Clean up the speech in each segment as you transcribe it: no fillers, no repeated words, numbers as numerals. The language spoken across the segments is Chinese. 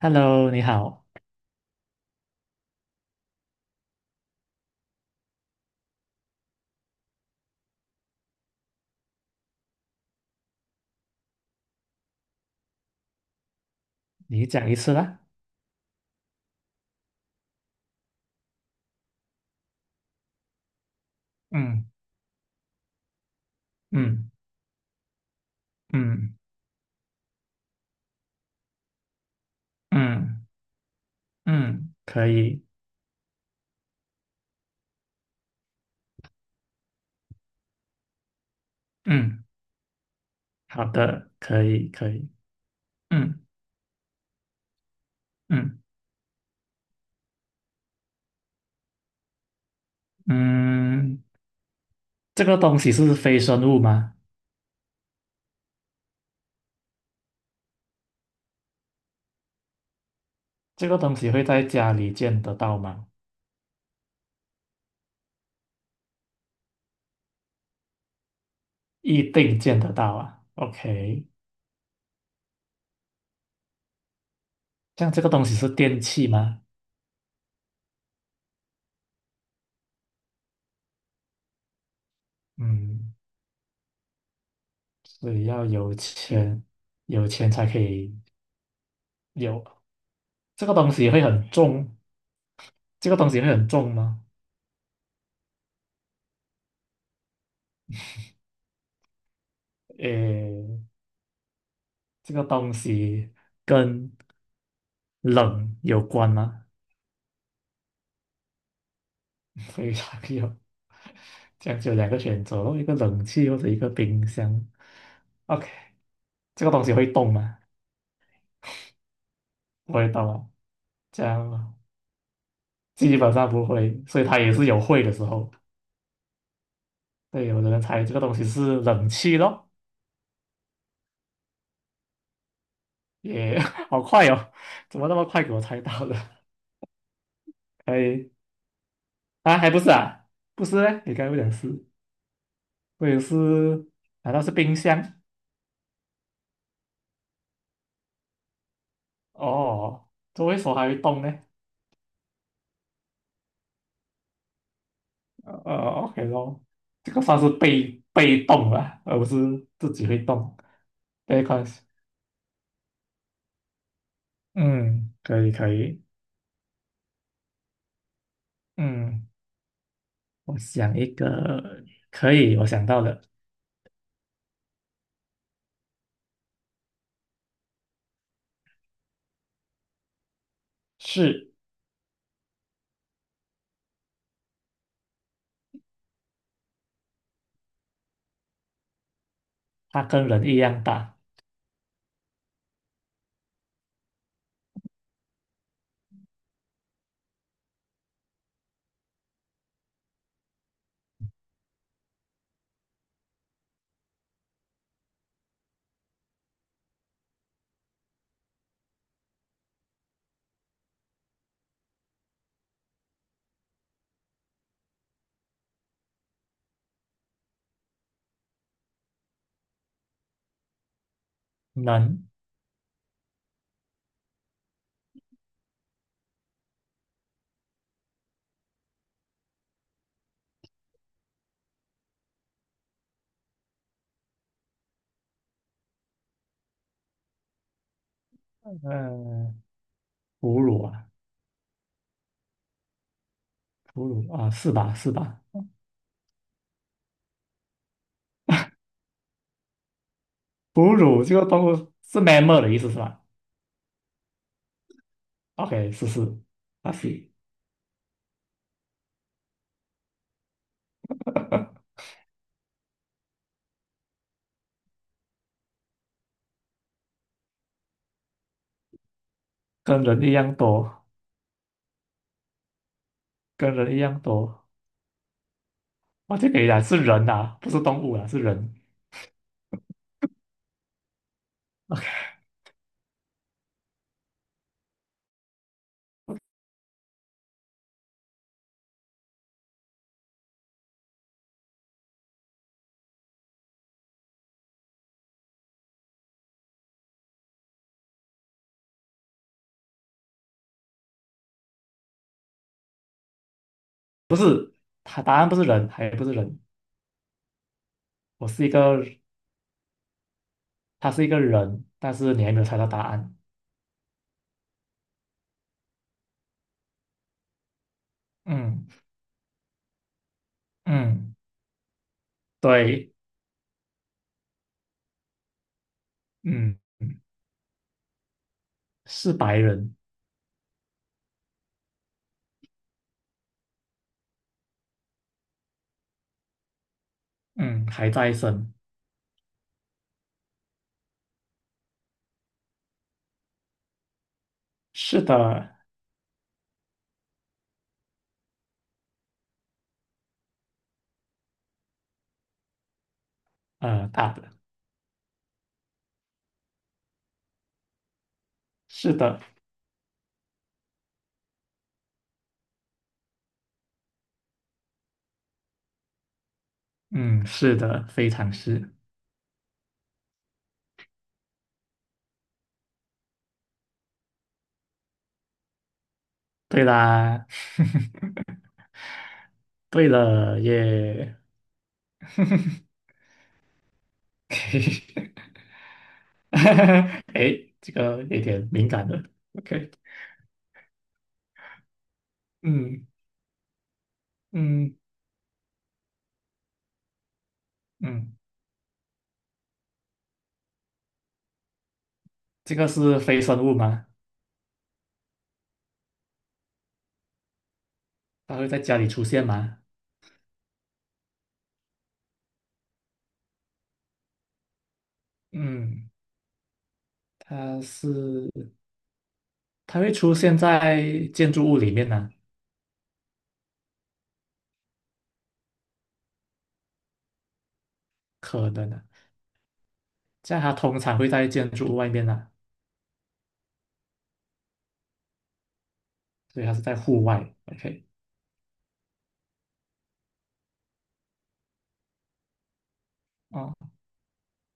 Hello，你好，你讲一次啦。嗯嗯嗯嗯嗯可以，嗯好的，可以，可以。嗯嗯嗯，这个东西是非生物吗？这个东西会在家里见得到吗？一定见得到啊。OK，像这个东西是电器吗？嗯，所以要有钱，有钱才可以有。这个东西会很重，这个东西会很重吗？诶，这个东西跟冷有关吗？非常有，这样就有两个选择咯，一个冷气或者一个冰箱。OK，这个东西会动吗？不会动啊，这样基本上不会，所以它也是有会的时候。对，有的人猜这个东西是冷气咯，也 好快哦，怎么那么快给我猜到了？哎，啊，还不是啊，不是嘞，你刚才不讲是，我也是，难道是冰箱？哦，周围说还会动呢？呃，OK 咯，这个算是被动了，而不是自己会动。b 被关系，嗯，可以可以。嗯，我想一个，可以，我想到了，是。它跟人一样大，能。嗯、哺乳啊，哺乳啊，是吧是吧？哺乳这个动物是 mammal 的意思是吧？OK，是是，它是跟人一样多，跟人一样多，我就给你讲是人啊，不是动物啊，是人。不是，他答案不是人，还不是人，我是一个，他是一个人，但是你还没有猜到答案。嗯嗯，对。嗯，是白人。嗯，还在生。是的。大的。是的。嗯，是的，非常是。对啦，对了耶。OK，哎这个有点敏感了。OK，嗯嗯嗯，这个是非生物吗？它会在家里出现吗？嗯，它是它会出现在建筑物里面呢、可能的、这样它通常会在建筑物外面呢、所以它是在户外。OK，哦，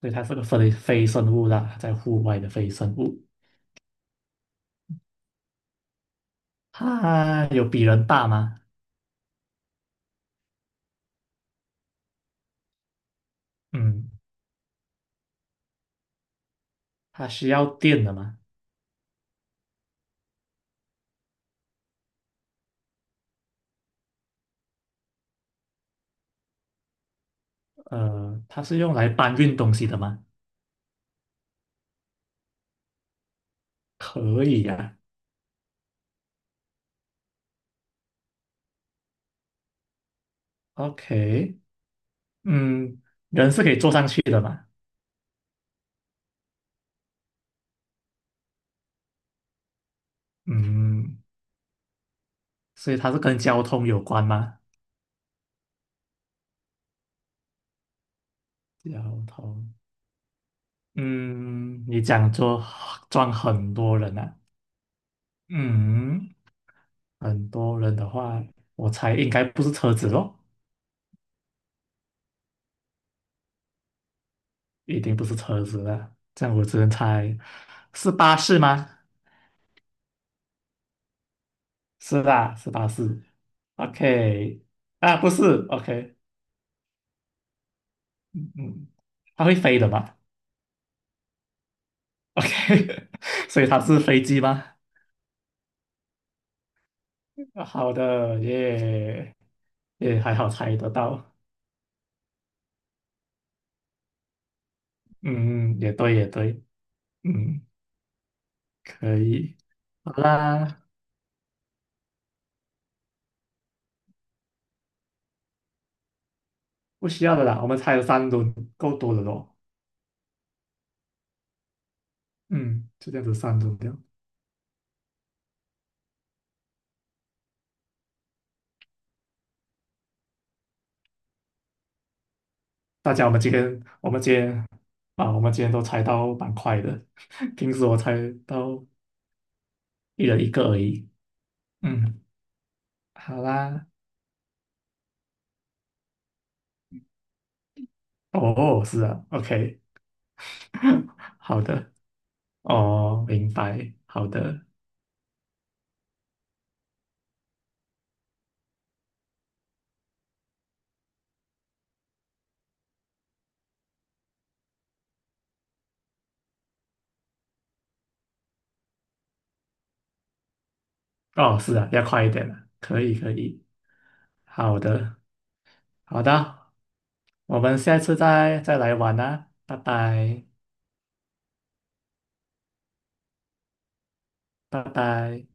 所以它是个非生物啦，在户外的非生物。它有比人大吗？嗯，它需要电的吗？它是用来搬运东西的吗？可以呀、OK，嗯，人是可以坐上去的嘛？嗯，所以它是跟交通有关吗？掉头，嗯，你讲就撞很多人啊，嗯，很多人的话，我猜应该不是车子咯，一定不是车子了，这样我只能猜是巴士吗？是啦，是巴士。OK，啊，不是，OK，嗯，它会飞的嘛？OK，所以它是飞机吗？好的，耶，也还好猜得到，嗯，也对，也对，嗯。可以，好啦，不需要的啦，我们才了三轮，够多的咯。嗯，就这样子三轮掉。大家，我们今天，我们今天啊，我们今天都猜到蛮快的，平时我猜到一人一个而已。嗯，好啦，哦，是啊，OK，好的，哦，明白，好的，哦，是啊，要快一点了，可以，可以，好的，好的，我们下次再来玩啊，拜拜，拜拜。